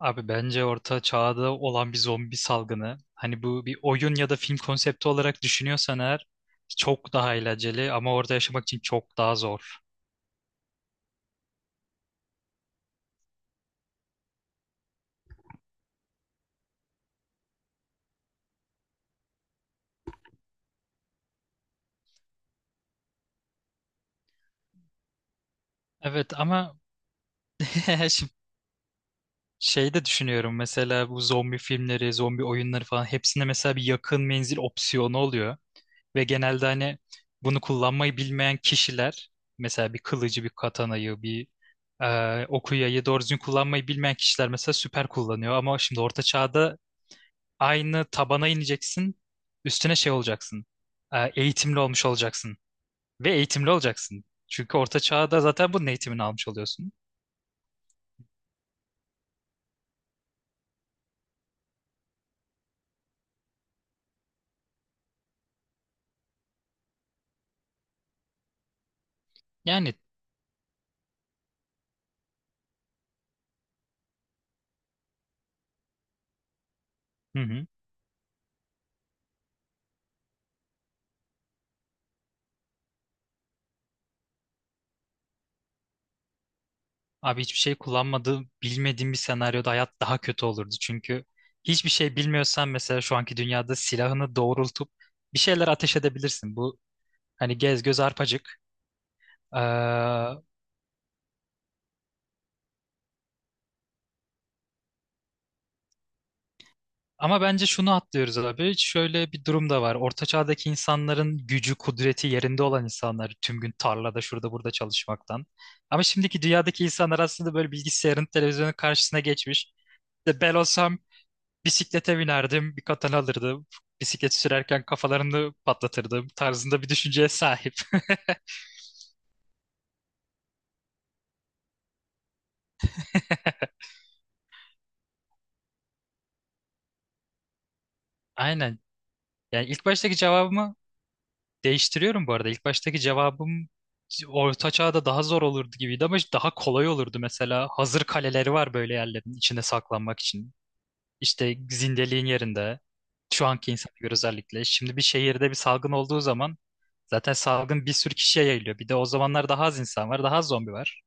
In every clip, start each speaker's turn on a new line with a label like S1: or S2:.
S1: Abi bence orta çağda olan bir zombi salgını, hani bu bir oyun ya da film konsepti olarak düşünüyorsan eğer çok daha eğlenceli ama orada yaşamak için çok daha zor. Evet ama şimdi şey de düşünüyorum, mesela bu zombi filmleri, zombi oyunları falan, hepsinde mesela bir yakın menzil opsiyonu oluyor ve genelde hani bunu kullanmayı bilmeyen kişiler, mesela bir kılıcı, bir katanayı, bir okuyayı doğru düzgün kullanmayı bilmeyen kişiler mesela süper kullanıyor, ama şimdi orta çağda aynı tabana ineceksin. Üstüne şey olacaksın. Eğitimli olmuş olacaksın. Ve eğitimli olacaksın. Çünkü orta çağda zaten bunun eğitimini almış oluyorsun. Yani hı hı. Abi hiçbir şey kullanmadığım, bilmediğim bir senaryoda hayat daha kötü olurdu. Çünkü hiçbir şey bilmiyorsan mesela şu anki dünyada silahını doğrultup bir şeyler ateş edebilirsin. Bu hani gez göz arpacık. Ee, Ama bence şunu atlıyoruz abi. Şöyle bir durum da var. Orta çağdaki insanların gücü, kudreti yerinde olan insanlar, tüm gün tarlada şurada burada çalışmaktan. Ama şimdiki dünyadaki insanlar aslında böyle bilgisayarın, televizyonun karşısına geçmiş. İşte ben olsam bisiklete binerdim, bir katana alırdım. Bisiklet sürerken kafalarını patlatırdım tarzında bir düşünceye sahip. Aynen. Yani ilk baştaki cevabımı değiştiriyorum bu arada. İlk baştaki cevabım orta Çağ'da daha zor olurdu gibiydi ama işte daha kolay olurdu mesela. Hazır kaleleri var, böyle yerlerin içine saklanmak için. İşte zindeliğin yerinde. Şu anki insana göre özellikle. Şimdi bir şehirde bir salgın olduğu zaman zaten salgın bir sürü kişiye yayılıyor. Bir de o zamanlar daha az insan var, daha az zombi var.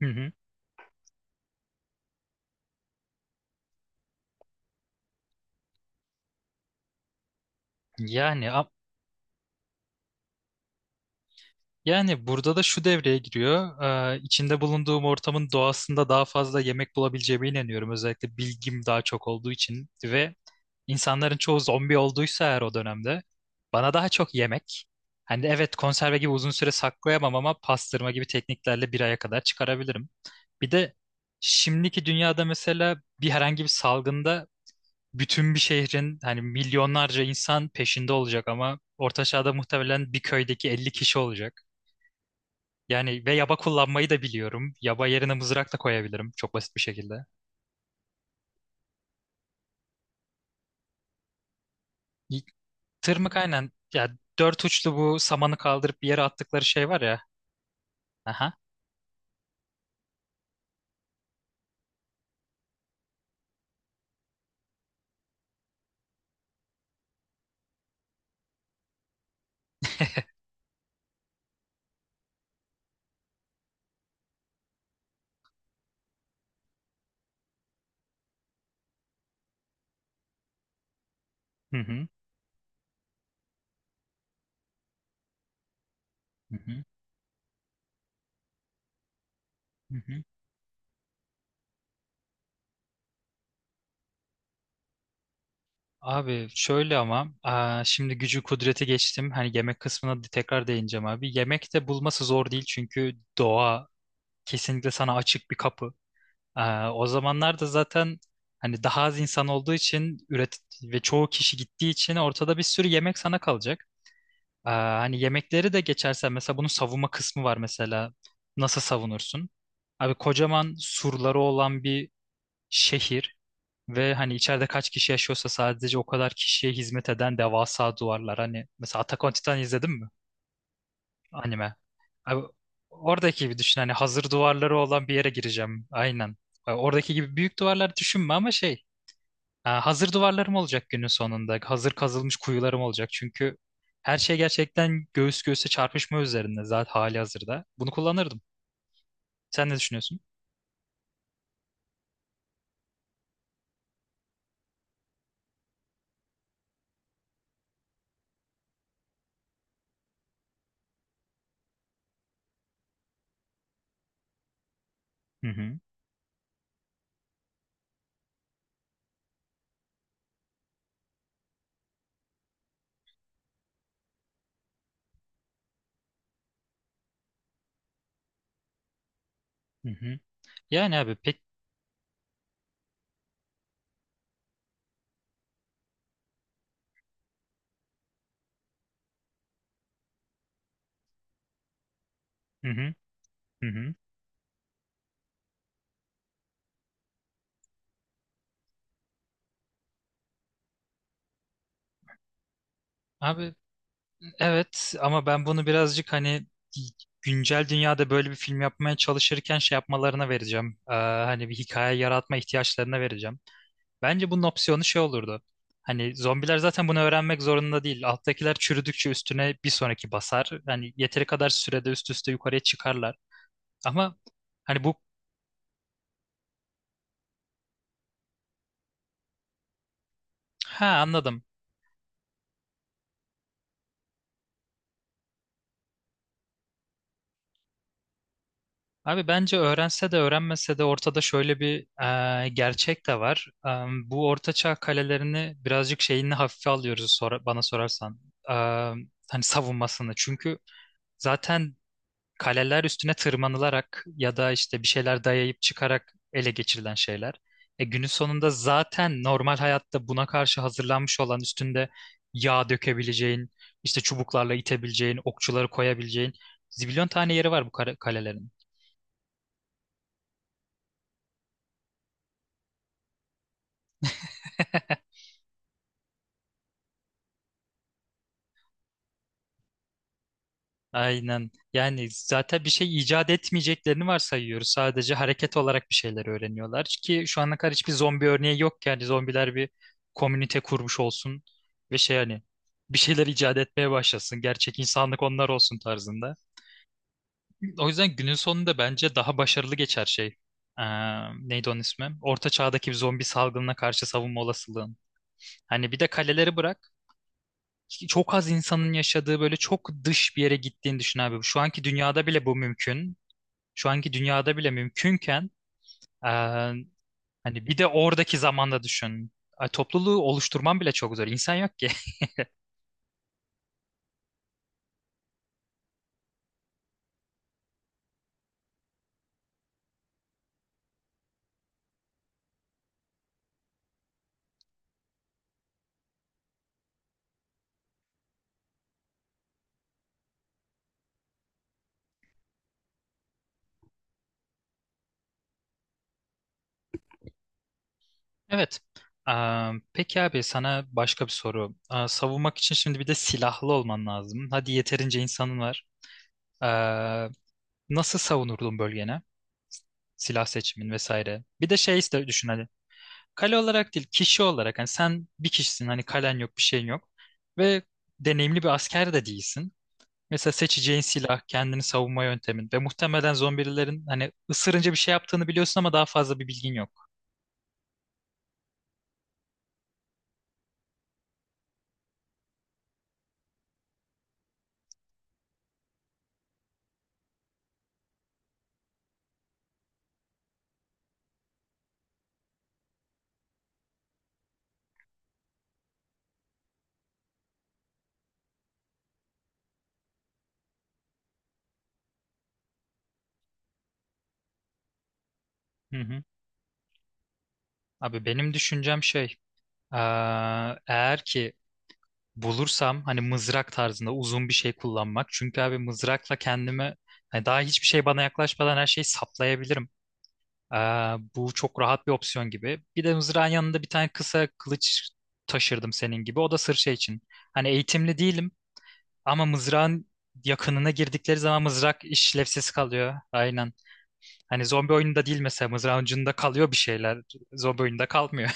S1: Hı hı. Yani a- Yani burada da şu devreye giriyor. İçinde bulunduğum ortamın doğasında daha fazla yemek bulabileceğime inanıyorum. Özellikle bilgim daha çok olduğu için ve İnsanların çoğu zombi olduysa eğer o dönemde bana daha çok yemek. Hani evet, konserve gibi uzun süre saklayamam ama pastırma gibi tekniklerle bir aya kadar çıkarabilirim. Bir de şimdiki dünyada mesela bir herhangi bir salgında bütün bir şehrin, hani milyonlarca insan peşinde olacak, ama orta çağda muhtemelen bir köydeki 50 kişi olacak. Yani ve yaba kullanmayı da biliyorum. Yaba yerine mızrak da koyabilirim çok basit bir şekilde. Y- Tırmık aynen. Ya dört uçlu bu samanı kaldırıp bir yere attıkları şey var ya. Aha. Hı hı. Hı hı. Hı hı. Abi şöyle ama şimdi gücü kudreti geçtim. Hani yemek kısmına tekrar değineceğim abi. Yemek de bulması zor değil, çünkü doğa kesinlikle sana açık bir kapı. O zamanlarda zaten hani daha az insan olduğu için üret ve çoğu kişi gittiği için ortada bir sürü yemek sana kalacak. Hani yemekleri de geçersen mesela bunun savunma kısmı var mesela. Nasıl savunursun? Abi kocaman surları olan bir şehir. Ve hani içeride kaç kişi yaşıyorsa sadece o kadar kişiye hizmet eden devasa duvarlar. Hani mesela Attack on Titan izledin mi? Anime. Abi, oradaki gibi düşün. Hani hazır duvarları olan bir yere gireceğim. Aynen. Oradaki gibi büyük duvarlar düşünme ama şey. Ha, Hazır duvarlarım olacak günün sonunda. Hazır kazılmış kuyularım olacak. Çünkü her şey gerçekten göğüs göğüse çarpışma üzerinde zaten hali hazırda. Bunu kullanırdım. Sen ne düşünüyorsun? Hı hı. Hı hı. Yani abi pek... Hı hı. Hı hı. Abi evet ama ben bunu birazcık hani güncel dünyada böyle bir film yapmaya çalışırken şey yapmalarına vereceğim. Hani bir hikaye yaratma ihtiyaçlarına vereceğim. Bence bunun opsiyonu şey olurdu. Hani zombiler zaten bunu öğrenmek zorunda değil. Alttakiler çürüdükçe üstüne bir sonraki basar. Hani yeteri kadar sürede üst üste yukarıya çıkarlar. Ama hani bu Ha, anladım. Abi bence öğrense de öğrenmese de ortada şöyle bir gerçek de var. Bu ortaçağ kalelerini birazcık şeyini hafife alıyoruz, bana sorarsan. E, Hani savunmasını. Çünkü zaten kaleler üstüne tırmanılarak ya da işte bir şeyler dayayıp çıkarak ele geçirilen şeyler. Günün sonunda zaten normal hayatta buna karşı hazırlanmış olan, üstünde yağ dökebileceğin, işte çubuklarla itebileceğin, okçuları koyabileceğin zibilyon tane yeri var bu kalelerin. Aynen. Yani zaten bir şey icat etmeyeceklerini varsayıyoruz. Sadece hareket olarak bir şeyler öğreniyorlar. Ki şu ana kadar hiçbir zombi örneği yok ki. Yani zombiler bir komünite kurmuş olsun ve şey hani bir şeyler icat etmeye başlasın. Gerçek insanlık onlar olsun tarzında. O yüzden günün sonunda bence daha başarılı geçer şey. Ee, Neydi onun ismi? Orta çağdaki bir zombi salgınına karşı savunma olasılığın. Hani bir de kaleleri bırak. Çok az insanın yaşadığı böyle çok dış bir yere gittiğini düşün abi. Şu anki dünyada bile bu mümkün, şu anki dünyada bile mümkünken e, hani bir de oradaki zamanda düşün. Topluluğu oluşturman bile çok zor. İnsan yok ki. Evet. E, peki abi, sana başka bir soru. Savunmak için şimdi bir de silahlı olman lazım. Hadi yeterince insanın var. E, Nasıl savunurdun bölgene? Silah seçimin vesaire. Bir de şey iste düşün hani. Kale olarak değil, kişi olarak. Hani sen bir kişisin. Hani kalen yok, bir şeyin yok. Ve deneyimli bir asker de değilsin. Mesela seçeceğin silah, kendini savunma yöntemin, ve muhtemelen zombilerin hani ısırınca bir şey yaptığını biliyorsun ama daha fazla bir bilgin yok. Hı hı. Abi benim düşüncem şey, eğer ki bulursam hani mızrak tarzında uzun bir şey kullanmak. Çünkü abi mızrakla kendimi hani daha hiçbir şey bana yaklaşmadan her şeyi saplayabilirim. Bu çok rahat bir opsiyon gibi. Bir de mızrağın yanında bir tane kısa kılıç taşırdım senin gibi. O da sırf şey için. Hani eğitimli değilim. Ama mızrağın yakınına girdikleri zaman mızrak işlevsiz kalıyor. Aynen. Hani zombi oyununda değil, mesela mızrağın ucunda kalıyor bir şeyler. Zombi oyununda kalmıyor.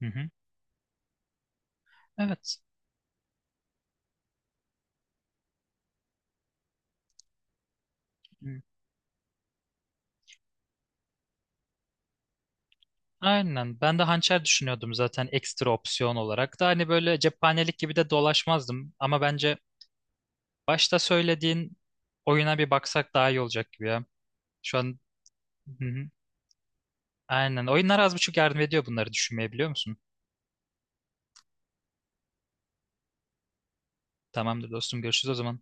S1: Hı hı. Evet. Hı. Aynen. Ben de hançer düşünüyordum zaten ekstra opsiyon olarak. Da hani böyle cephanelik gibi de dolaşmazdım. Ama bence başta söylediğin oyuna bir baksak daha iyi olacak gibi ya. Şu an hı hı. Aynen. Oyunlar az buçuk yardım ediyor bunları düşünmeye, biliyor musun? Tamamdır dostum. Görüşürüz o zaman.